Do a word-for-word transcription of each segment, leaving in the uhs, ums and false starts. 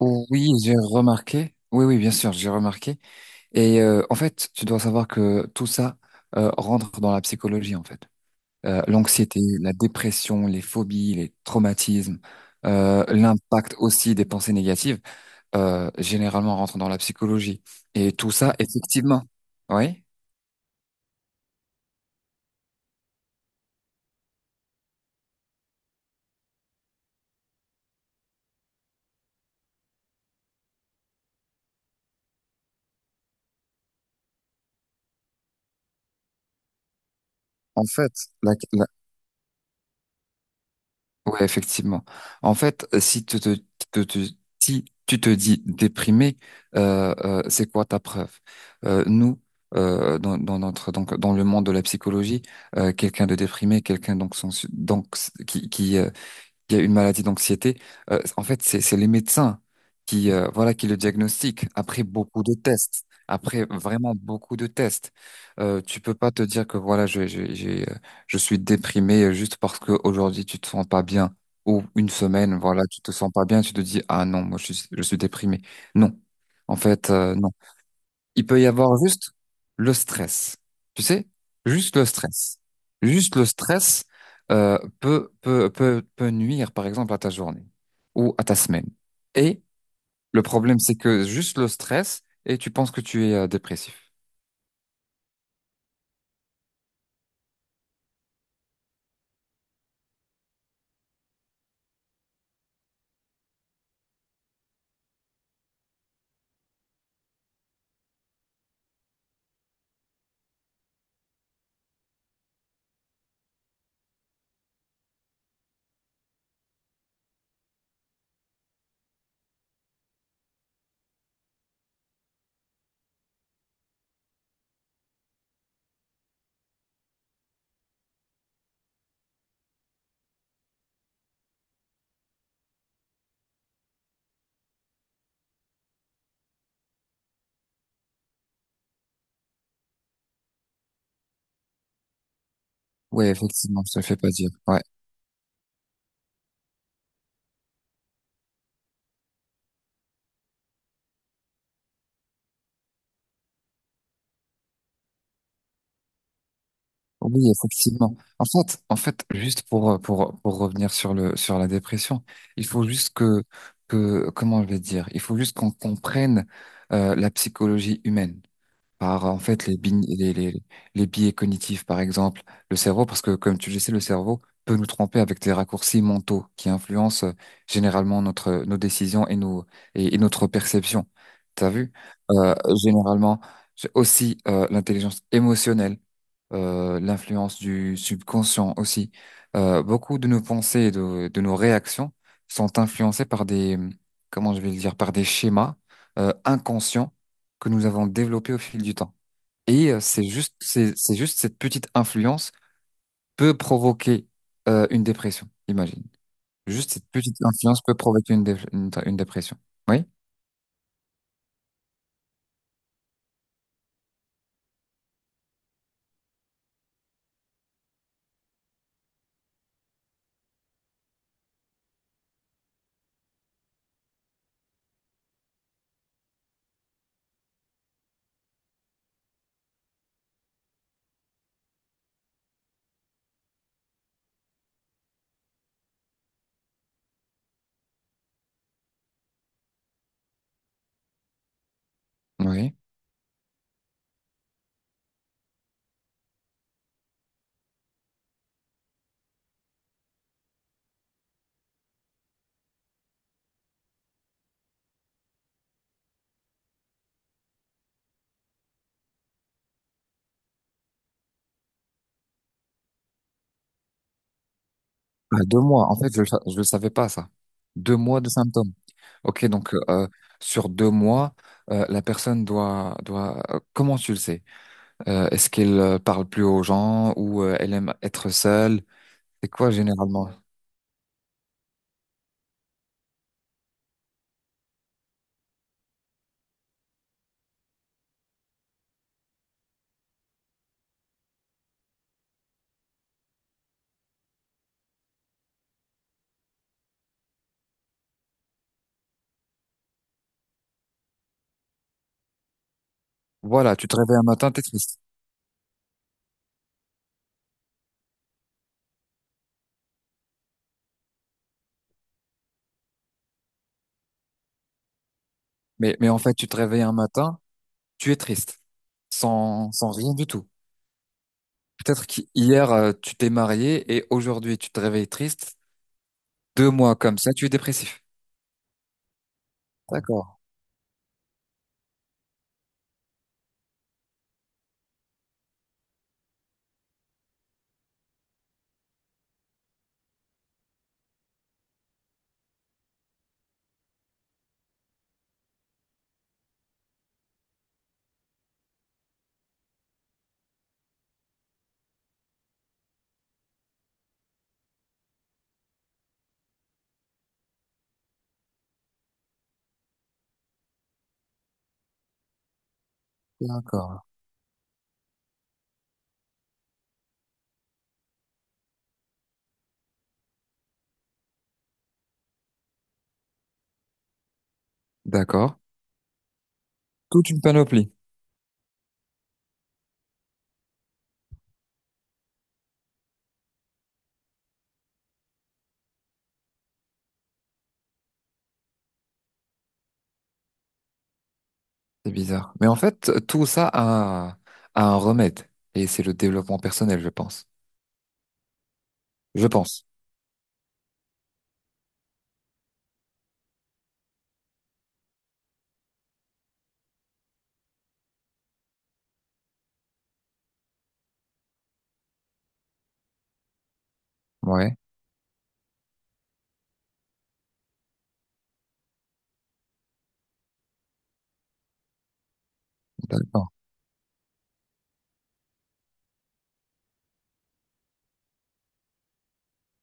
Oui, j'ai remarqué. Oui, oui, bien sûr, j'ai remarqué. Et euh, en fait, tu dois savoir que tout ça euh, rentre dans la psychologie, en fait. Euh, l'anxiété, la dépression, les phobies, les traumatismes, euh, l'impact aussi des pensées négatives, euh, généralement rentrent dans la psychologie. Et tout ça, effectivement, oui. En fait, la, la- ouais, effectivement. En fait, euh, si tu te, te- te- si tu te dis déprimé, euh, euh, c'est quoi ta preuve? Euh, nous, euh, dans, dans notre, donc, dans le monde de la psychologie, euh, quelqu'un de déprimé, quelqu'un donc, sans- donc qui, qui, euh, qu'il y a une maladie d'anxiété, euh, en fait, c'est, c'est les médecins qui, euh, voilà, qui le diagnostiquent après beaucoup de tests, après vraiment beaucoup de tests. Euh, tu peux pas te dire que voilà, je, je, j'ai, euh, je suis déprimé juste parce que aujourd'hui tu te sens pas bien ou une semaine, voilà, tu te sens pas bien, tu te dis ah non, moi je suis, je suis déprimé. Non, en fait, euh, non. Il peut y avoir juste le stress. Tu sais, juste le stress. Juste le stress euh, peut, peut, peut, peut nuire, par exemple, à ta journée ou à ta semaine. Et le problème, c'est que juste le stress, et tu penses que tu es euh, dépressif. Oui, effectivement, je te le fais pas dire. Ouais. Oui, effectivement. En fait, en fait, juste pour, euh, pour, pour revenir sur le, sur la dépression, il faut juste que, que, comment je vais dire, il faut juste qu'on comprenne euh, la psychologie humaine. Par en fait les, bign- les, les, les biais cognitifs, par exemple, le cerveau, parce que comme tu le sais, le cerveau peut nous tromper avec des raccourcis mentaux qui influencent euh, généralement notre, nos décisions et, nos, et, et notre perception. T'as vu? Euh, généralement, j'ai aussi euh, l'intelligence émotionnelle, euh, l'influence du subconscient aussi. Euh, beaucoup de nos pensées et de, de nos réactions sont influencées par des, hum, comment je vais le dire, par des schémas euh, inconscients que nous avons développé au fil du temps. Et euh, c'est juste, c'est, c'est juste cette petite influence peut provoquer euh, une dépression, imagine. Juste cette petite influence peut provoquer une, dé- une, une dépression. Oui? Oui. Bah, deux mois, en fait, je ne le savais pas, ça. Deux mois de symptômes. Ok, donc euh, sur deux mois, euh, la personne doit, doit... euh, Comment tu le sais? Euh, est-ce qu'elle euh, parle plus aux gens ou euh, elle aime être seule? C'est quoi généralement? Voilà, tu te réveilles un matin, t'es triste. Mais, mais en fait, tu te réveilles un matin, tu es triste, sans, sans rien du tout. Peut-être qu'hier, euh, tu t'es marié et aujourd'hui, tu te réveilles triste. Deux mois comme ça, tu es dépressif. D'accord, d'accord, d'accord. Toute une panoplie. C'est bizarre. Mais en fait, tout ça a, a un remède. Et c'est le développement personnel, je pense. Je pense. Ouais, d'accord.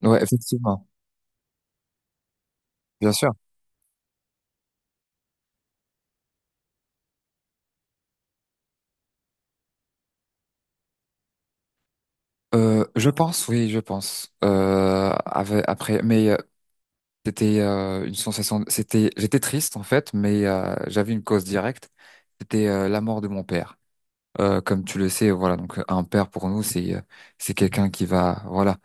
Ouais, effectivement. Bien sûr. Euh, je pense, oui, je pense. Euh, ave- après, mais euh, c'était euh, une sensation. C'était, j'étais triste en fait, mais euh, j'avais une cause directe. C'était euh, la mort de mon père. Euh, comme tu le sais, voilà, donc un père pour nous, c'est euh, c'est quelqu'un qui va, voilà,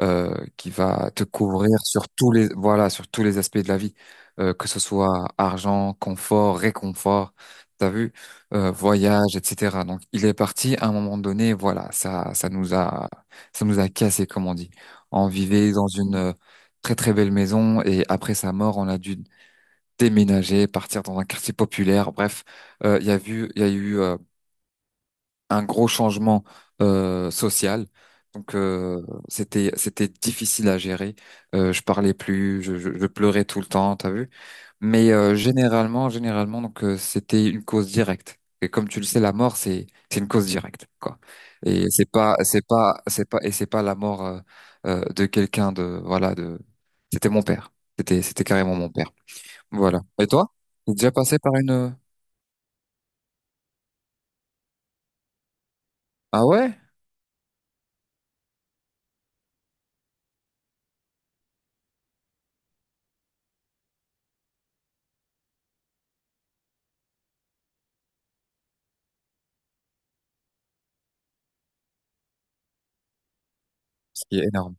euh, qui va te couvrir sur tous les, voilà, sur tous les aspects de la vie, euh, que ce soit argent, confort, réconfort, t'as vu, euh, voyage, et cetera. Donc il est parti à un moment donné, voilà, ça ça nous a ça nous a cassé, comme on dit. On vivait dans une euh, très très belle maison et après sa mort, on a dû déménager, partir dans un quartier populaire. Bref, euh, il y a vu, il y a eu euh, un gros changement euh, social. Donc euh, c'était c'était difficile à gérer. Euh, je parlais plus, je, je, je pleurais tout le temps, t'as vu? Mais euh, généralement, généralement, donc euh, c'était une cause directe. Et comme tu le sais, la mort, c'est c'est une cause directe, quoi. Et c'est pas c'est pas c'est pas et c'est pas la mort euh, euh, de quelqu'un de voilà de. C'était mon père. C'était c'était carrément mon père. Voilà. Et toi? T'es déjà passé par une. euh, Ah ouais? Ce qui est énorme.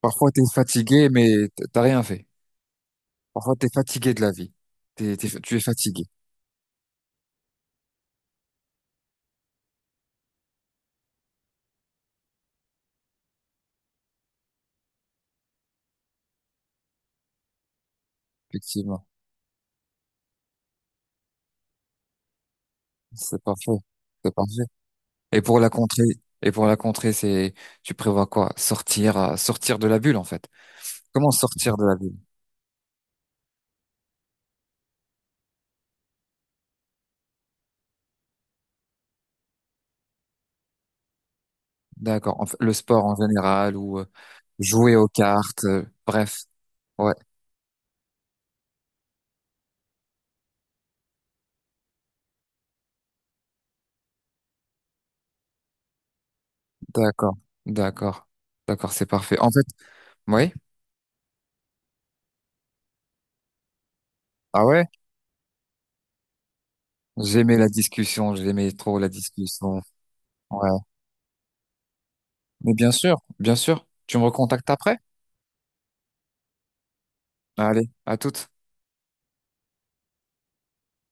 Parfois, t'es fatigué, mais t- t'as rien fait. Parfois, t'es fatigué de la vie. T'es, t'es- tu es fatigué, effectivement. C'est pas faux. C'est pas vrai. Et pour la contrée, et pour la contrée, c'est, tu prévois quoi? Sortir, à- sortir de la bulle, en fait. Comment sortir de la bulle? D'accord. En fait, le sport en général ou euh, jouer aux cartes, euh, bref. Ouais, d'accord. D'accord. D'accord, c'est parfait. En fait, oui. Ah ouais? J'aimais la discussion, j'aimais trop la discussion. Ouais. Mais bien sûr, bien sûr. Tu me recontactes après? Allez, à toutes.